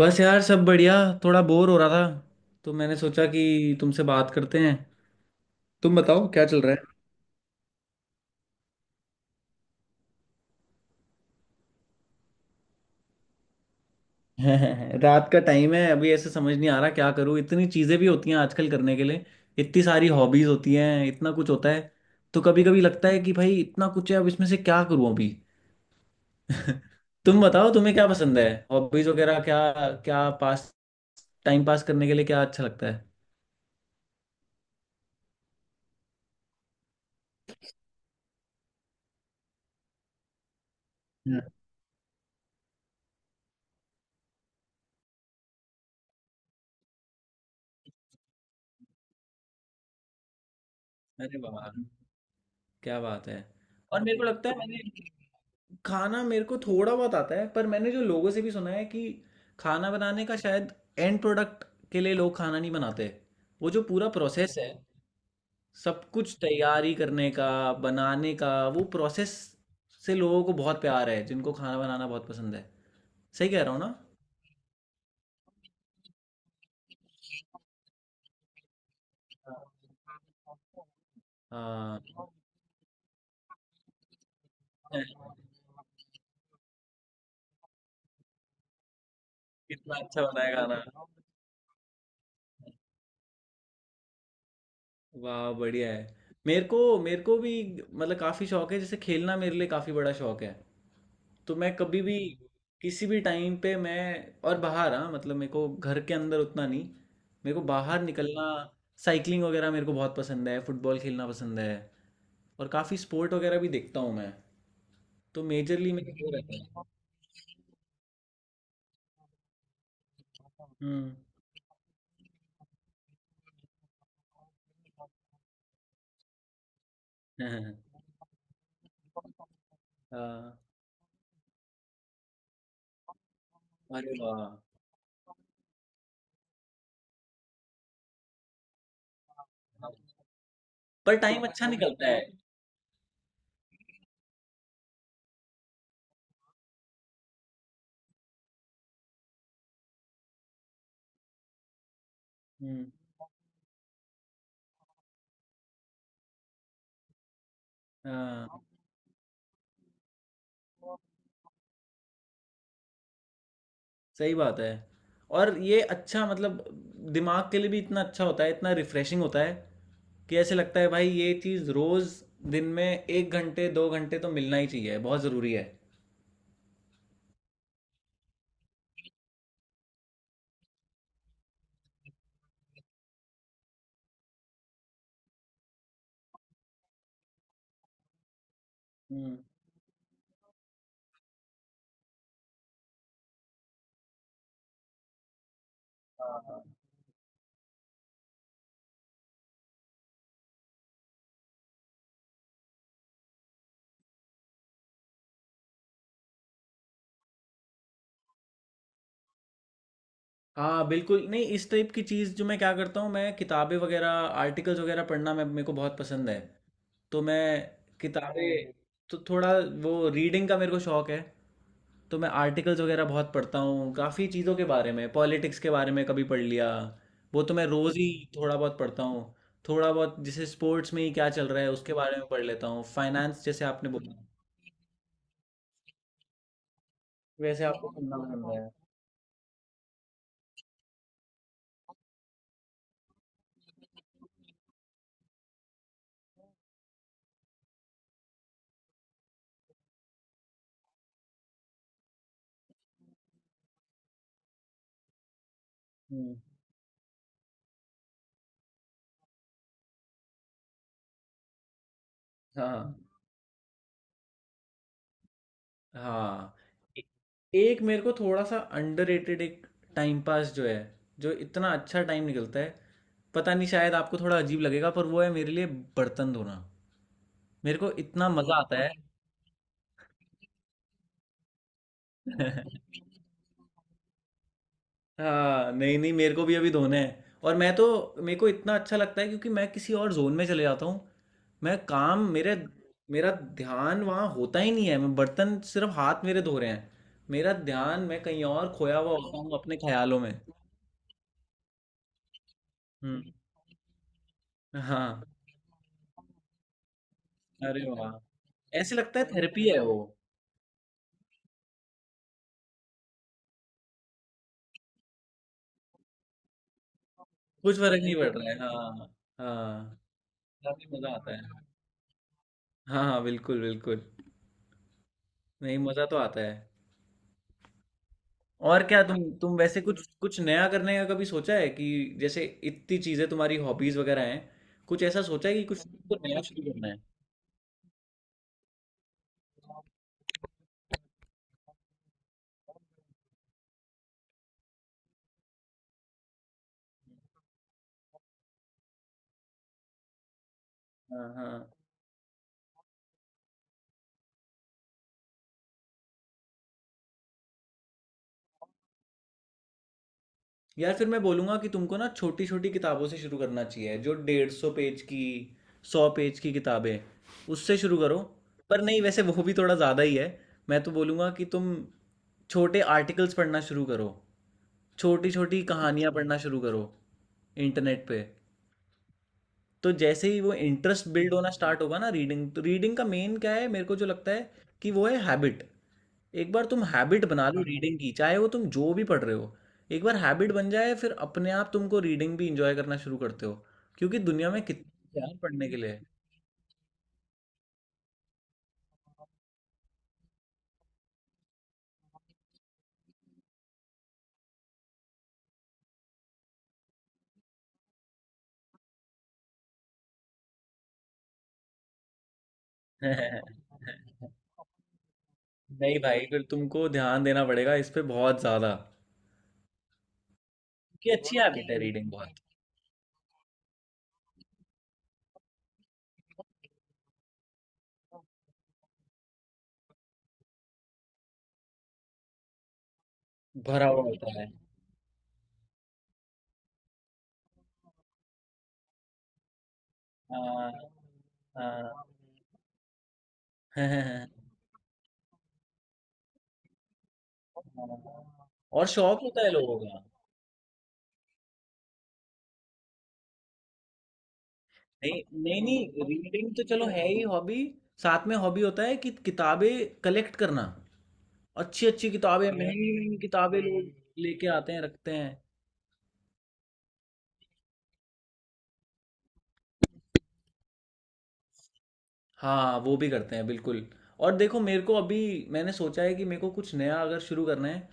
बस यार, सब बढ़िया। थोड़ा बोर हो रहा था, तो मैंने सोचा कि तुमसे बात करते हैं। तुम बताओ क्या चल रहा है। रात का टाइम है अभी, ऐसे समझ नहीं आ रहा क्या करूँ। इतनी चीज़ें भी होती हैं आजकल करने के लिए, इतनी सारी हॉबीज़ होती हैं, इतना कुछ होता है। तो कभी कभी लगता है कि भाई इतना कुछ है, अब इसमें से क्या करूँ अभी। तुम बताओ तुम्हें क्या पसंद है। हॉबीज़ वगैरह क्या क्या पास टाइम पास करने के लिए क्या अच्छा लगता है। हम्म। अरे वाह, क्या बात है। और मेरे को लगता है मैंने। खाना मेरे को थोड़ा बहुत आता है, पर मैंने जो लोगों से भी सुना है कि खाना बनाने का शायद एंड प्रोडक्ट के लिए लोग खाना नहीं बनाते। वो जो पूरा प्रोसेस है, सब कुछ तैयारी करने का, बनाने का, वो प्रोसेस से लोगों को बहुत प्यार है जिनको खाना बनाना बहुत पसंद है। सही कह रहा हूँ ना। हाँ, कितना अच्छा बनाया खाना। वाह, बढ़िया है। मेरे को भी मतलब काफ़ी शौक है। जैसे खेलना मेरे लिए काफ़ी बड़ा शौक है। तो मैं कभी भी, किसी भी टाइम पे मैं, और बाहर। हाँ मतलब मेरे को घर के अंदर उतना नहीं, मेरे को बाहर निकलना, साइकिलिंग वगैरह मेरे को बहुत पसंद है, फुटबॉल खेलना पसंद है, और काफ़ी स्पोर्ट वगैरह भी देखता हूँ मैं। तो मेजरली मेरे को वो रहता है। हम्म। हाँ, अरे वाह। पर टाइम अच्छा निकलता है। हम्म। हाँ, सही बात है। और ये अच्छा मतलब दिमाग के लिए भी इतना अच्छा होता है, इतना रिफ्रेशिंग होता है कि ऐसे लगता है भाई ये चीज़ रोज़ दिन में एक घंटे दो घंटे तो मिलना ही चाहिए, बहुत ज़रूरी है। हम्म। हाँ, हाँ, हाँ, बिल्कुल। नहीं, इस टाइप की चीज़ जो, मैं क्या करता हूँ, मैं किताबें वगैरह, आर्टिकल्स वगैरह पढ़ना, मैं मेरे को बहुत पसंद है। तो मैं किताबें। हम्म, तो थोड़ा वो रीडिंग का मेरे को शौक है। तो मैं आर्टिकल्स वगैरह बहुत पढ़ता हूँ, काफ़ी चीज़ों के बारे में, पॉलिटिक्स के बारे में कभी पढ़ लिया। वो तो मैं रोज़ ही थोड़ा बहुत पढ़ता हूँ। थोड़ा बहुत जैसे स्पोर्ट्स में ही क्या चल रहा है उसके बारे में पढ़ लेता हूँ, फाइनेंस जैसे आपने बोला। वैसे आपको सुनना पसंद है। हम्म, हाँ। हाँ ए- एक मेरे को थोड़ा सा अंडररेटेड एक टाइम पास जो है, जो इतना अच्छा टाइम निकलता है, पता नहीं शायद आपको थोड़ा अजीब लगेगा, पर वो है मेरे लिए बर्तन धोना। मेरे को इतना मजा आता है। हाँ, नहीं नहीं, मेरे को भी अभी धोना है। और मैं तो, मेरे को इतना अच्छा लगता है क्योंकि मैं किसी और जोन में चले जाता हूँ। मैं काम मेरे, मेरा ध्यान वहाँ होता ही नहीं है। मैं बर्तन, सिर्फ हाथ मेरे धो रहे हैं, मेरा ध्यान मैं कहीं और खोया हुआ होता हूँ, अपने ख्यालों में। हम्म। हाँ, अरे वाह! ऐसे लगता है थेरेपी है वो। कुछ फ़र्क नहीं पड़ रहा है। हाँ, हाँ, काफ़ी मज़ा आता है। हाँ, हाँ, बिल्कुल, बिल्कुल। नहीं, मज़ा तो आता है। और क्या, तुम वैसे कुछ कुछ नया करने का कभी सोचा है कि, जैसे इतनी चीज़ें तुम्हारी हॉबीज़ वगैरह हैं, कुछ ऐसा सोचा है कि कुछ तुमको नया शुरू करना है? हाँ, हाँ। यार फिर मैं बोलूँगा कि तुमको ना छोटी छोटी किताबों से शुरू करना चाहिए, जो डेढ़ सौ पेज की, सौ पेज की किताबें, उससे शुरू करो। पर नहीं, वैसे वो भी थोड़ा ज़्यादा ही है। मैं तो बोलूँगा कि तुम छोटे आर्टिकल्स पढ़ना शुरू करो, छोटी छोटी कहानियाँ पढ़ना शुरू करो, इंटरनेट पे। तो जैसे ही वो इंटरेस्ट बिल्ड होना स्टार्ट होगा ना रीडिंग, तो रीडिंग का मेन क्या है मेरे को जो लगता है कि वो है हैबिट। एक बार तुम हैबिट बना लो रीडिंग की, चाहे वो तुम जो भी पढ़ रहे हो, एक बार हैबिट बन जाए फिर अपने आप तुमको रीडिंग भी इंजॉय करना शुरू करते हो, क्योंकि दुनिया में कितना कुछ है यार पढ़ने के लिए। है। नहीं भाई, फिर तुमको ध्यान देना पड़ेगा इस पे बहुत ज्यादा, कि अच्छी हैबिट है रीडिंग बहुत। भरा हुआ होता है। हाँ, हाँ। हाँ। और शौक होता है लोगों का। नहीं नहीं नहीं, रीडिंग तो चलो है ही हॉबी, साथ में हॉबी होता है कि किताबें कलेक्ट करना। अच्छी अच्छी किताबें, महंगी महंगी किताबें लोग, हम्म, लेके आते हैं, रखते हैं। हाँ, वो भी करते हैं बिल्कुल। और देखो, मेरे को अभी, मैंने सोचा है कि मेरे को कुछ नया अगर शुरू करना है,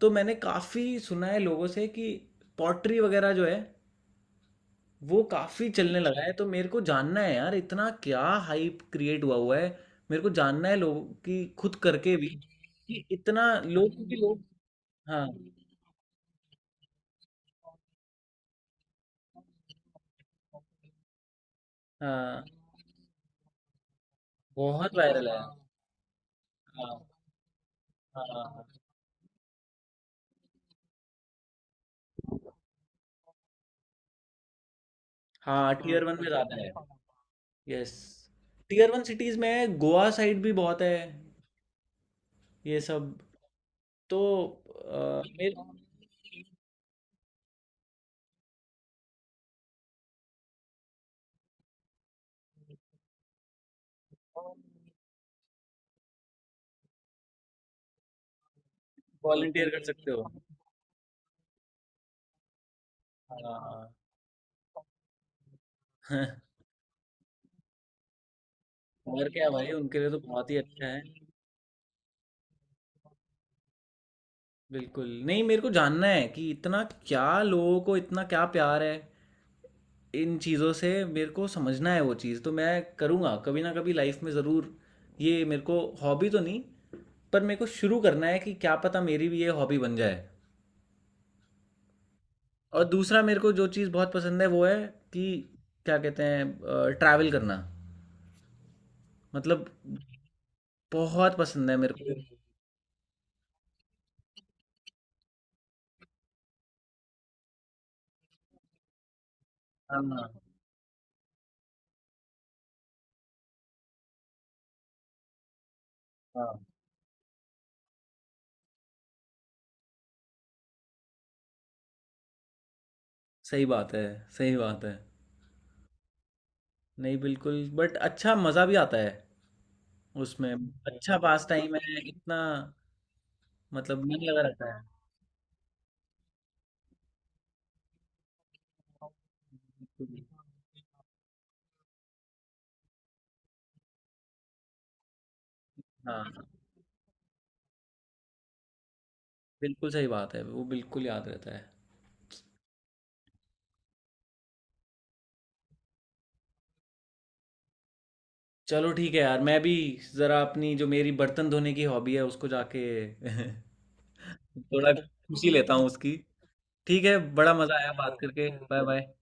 तो मैंने काफ़ी सुना है लोगों से कि पॉटरी वगैरह जो है वो काफ़ी चलने लगा है। तो मेरे को जानना है यार, इतना क्या हाइप क्रिएट हुआ हुआ है। मेरे को जानना है लोगों की, खुद करके भी, कि इतना लोग, क्योंकि लोग, हाँ हाँ, बहुत वायरल है। हाँ। हाँ, हाँ, टीयर वन में ज़्यादा है, यस। टीयर वन सिटीज़ में गोवा साइड भी बहुत है, ये सब। तो अ, मेरे, वॉलंटियर कर सकते हो। हाँ। और क्या भाई, उनके लिए तो बहुत ही अच्छा है। बिल्कुल, नहीं, मेरे को जानना है कि इतना क्या, लोगों को इतना क्या प्यार है इन चीज़ों से, मेरे को समझना है। वो चीज़ तो मैं करूँगा कभी ना कभी लाइफ में ज़रूर। ये मेरे को हॉबी तो नहीं, पर मेरे को शुरू करना है कि क्या पता मेरी भी ये हॉबी बन जाए। और दूसरा मेरे को जो चीज़ बहुत पसंद है वो है कि क्या कहते हैं, ट्रैवल करना मतलब, बहुत पसंद है मेरे को। हाँ, हाँ, सही बात है, सही बात है। नहीं, बिल्कुल, बट अच्छा मज़ा भी आता है उसमें। अच्छा पास टाइम है, इतना मतलब मन लगा रहता है। बिल्कुल। हाँ, बिल्कुल सही बात है, वो बिल्कुल याद रहता है। चलो ठीक है यार, मैं भी ज़रा अपनी जो मेरी बर्तन धोने की हॉबी है उसको जाके थोड़ा खुशी लेता हूँ उसकी। ठीक है, बड़ा मजा आया बात करके। Bye bye.